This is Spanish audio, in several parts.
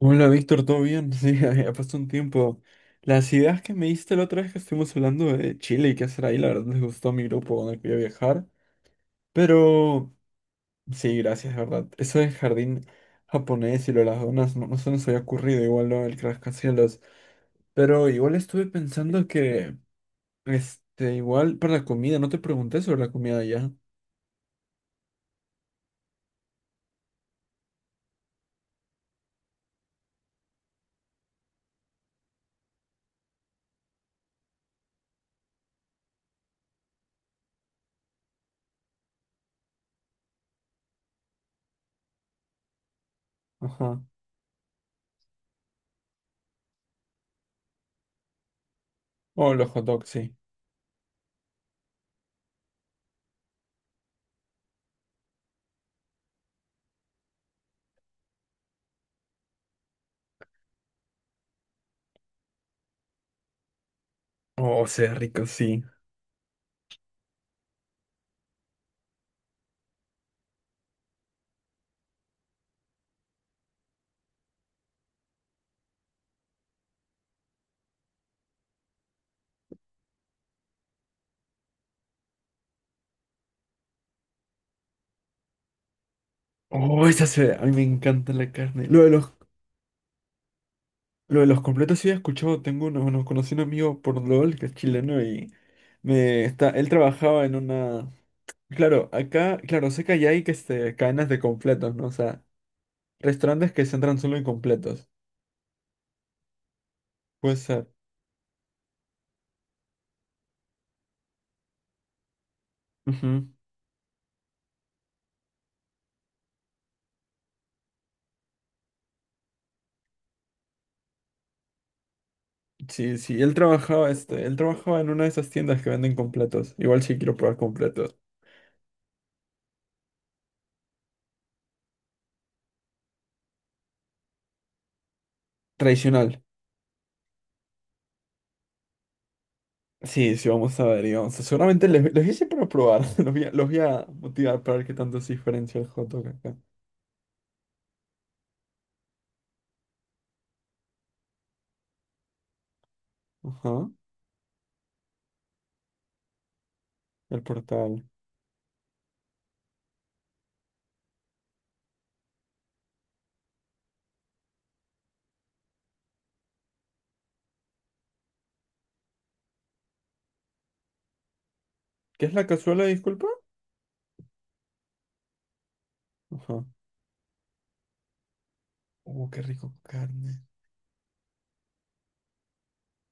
Hola Víctor, ¿todo bien? Sí, ha pasado un tiempo. Las ideas que me diste la otra vez que estuvimos hablando de Chile y qué hacer ahí, la verdad les gustó a mi grupo donde quería viajar. Pero sí, gracias, de verdad. Eso del jardín japonés y lo de las donas, no, no se nos había ocurrido, igual lo del rascacielos. Pero igual estuve pensando que, igual para la comida, no te pregunté sobre la comida allá. Ajá. Oh, los hot dogs, sí. Oh, se ve rico, sí. Oh, esa se ve. A mí me encanta la carne. Lo de los completos sí he escuchado, tengo uno, bueno, conocí un amigo por LOL que es chileno y me está, él trabajaba en una, claro, acá, claro, sé que allá hay cadenas de completos, ¿no? O sea, restaurantes que se entran solo en completos. Puede ser. Ujú. Sí, sí, él trabajaba en una de esas tiendas que venden completos. Igual sí quiero probar completos. Tradicional. Sí, sí, vamos a ver, seguramente les, los hice para probar, los voy a motivar para ver qué tanto es diferencia el hot dog acá. Ajá, el portal. ¿Qué es la cazuela, disculpa? Ajá. Qué rico con carne.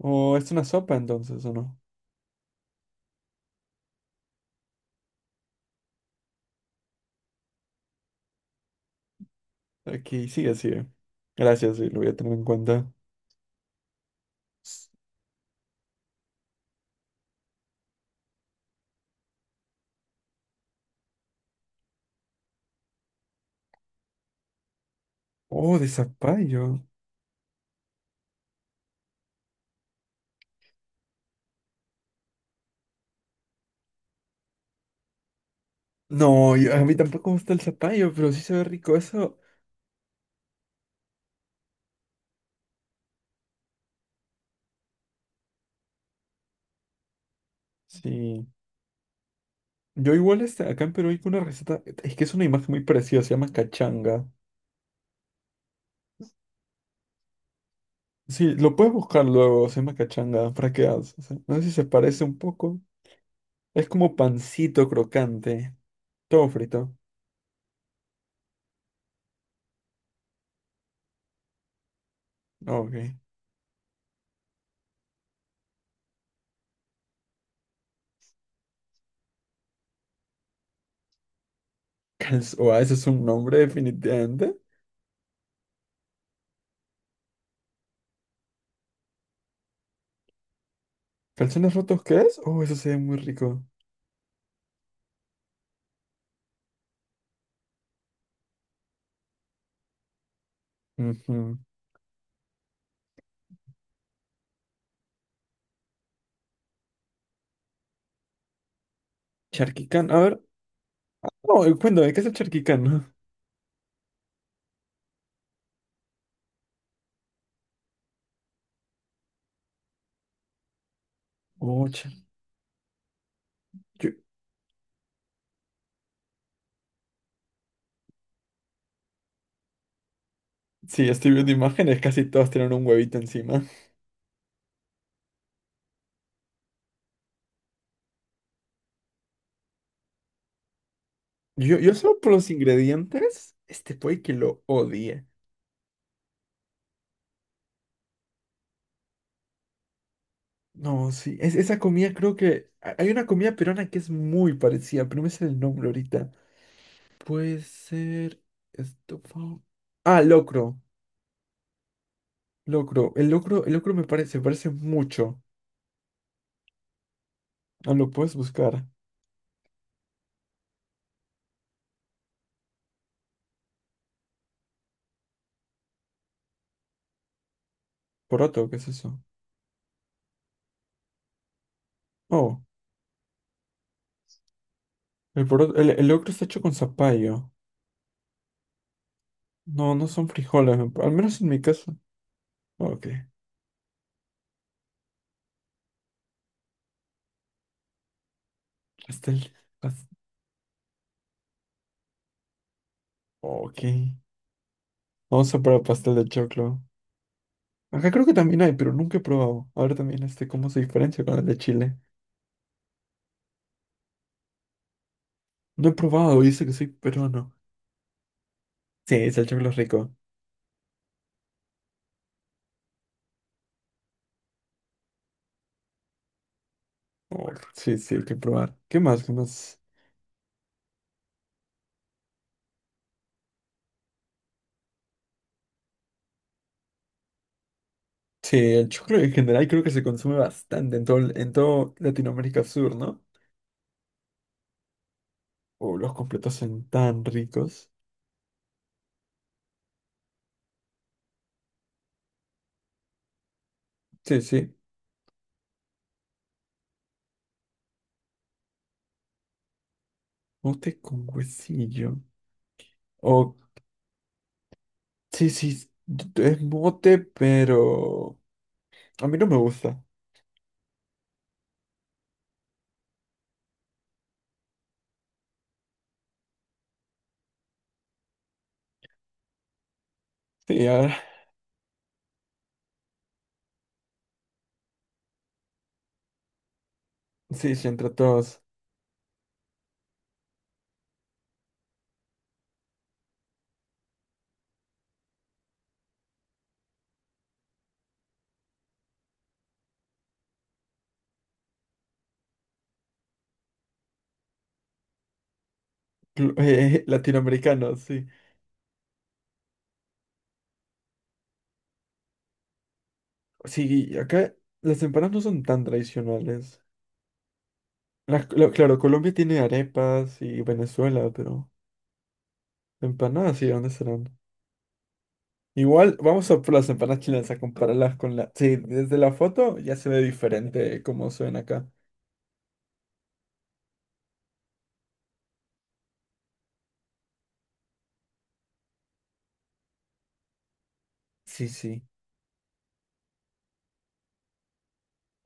Oh, es una sopa entonces, ¿o no? Aquí, sigue, sigue. Gracias, sí, lo voy a tener en cuenta. Oh, de zapallo. No, a mí tampoco me gusta el zapallo, pero sí se ve rico eso. Sí. Yo igual acá en Perú hay una receta, es que es una imagen muy parecida, se llama cachanga. Sí, lo puedes buscar luego, se llama cachanga, para que hagas, o sea, no sé si se parece un poco. Es como pancito crocante, todo frito. Ok. Calz- o ah, eso es un nombre definitivamente. ¿Calzones rotos qué es? Oh, eso se ve muy rico. Ujú. Charquicán, a ver. No, cuéntame, ¿qué es el charquicán? Oh, char- yo- Sí, estoy viendo imágenes, casi todas tienen un huevito encima. Yo solo por los ingredientes, este puede que lo odie. No, esa comida creo que... Hay una comida peruana que es muy parecida, pero no me sale el nombre ahorita. Puede ser... Esto... Ah, locro. Locro. El locro me parece, se parece mucho. Ah, lo puedes buscar. Poroto, ¿qué es eso? Oh, el poroto, el locro está hecho con zapallo. No, no son frijoles, al menos en mi caso. Ok, pastel. pas- ok, vamos a probar pastel de choclo. Acá creo que también hay, pero nunca he probado. A ver también cómo se diferencia con el de Chile. No he probado, dice que soy peruano. Sí, es el choclo es rico. Oh, sí, sí, hay que probar. ¿Qué más? ¿Qué más? Sí, el choclo en general creo que se consume bastante en todo, en todo Latinoamérica Sur, ¿no? Oh, los completos son tan ricos. Sí, sí. Mote con huesillo. O, sí, sí, es mote, pero a mí no me gusta. Sí, ahora, sí, sí, entre todos. Latinoamericanos, sí. Sí, acá las empanadas no son tan tradicionales. Claro, Colombia tiene arepas y Venezuela, pero empanadas, sí, ¿dónde serán? Igual, vamos a por las empanadas chilenas a compararlas con la... Sí, desde la foto ya se ve diferente cómo se ven acá. Sí, sí.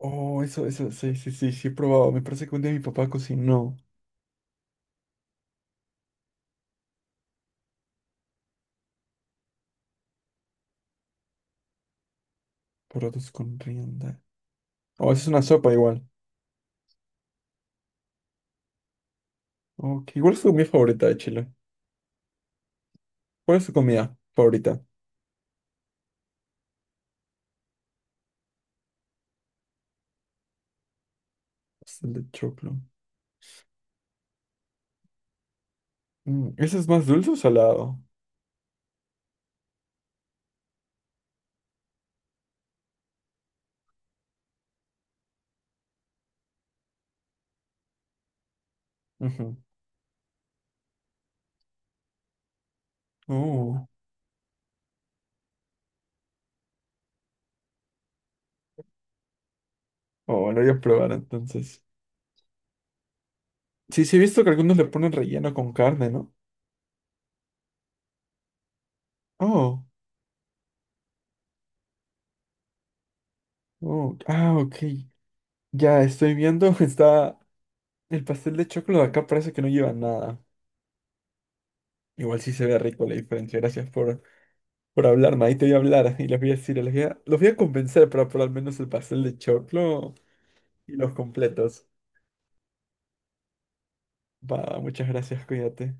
Oh, sí, sí, sí, sí, he probado. Me parece que un día mi papá cocinó porotos con rienda. Oh, eso es una sopa igual. Ok, ¿cuál es tu comida favorita de Chile? ¿Cuál es tu comida favorita? Pastel de choclo. Mm, ¿ese es más dulce o salado? Ujú. Oh, oh, lo voy a probar entonces. Sí, sí, he visto que algunos le ponen relleno con carne, ¿no? Oh, oh, ah, ok. Ya estoy viendo, está el pastel de choclo de acá parece que no lleva nada. Igual sí se ve rico la diferencia. Por hablarme. Ahí te voy a hablar y les voy a decir, los voy a convencer para por al menos el pastel de choclo y los completos. Va, muchas gracias, cuídate.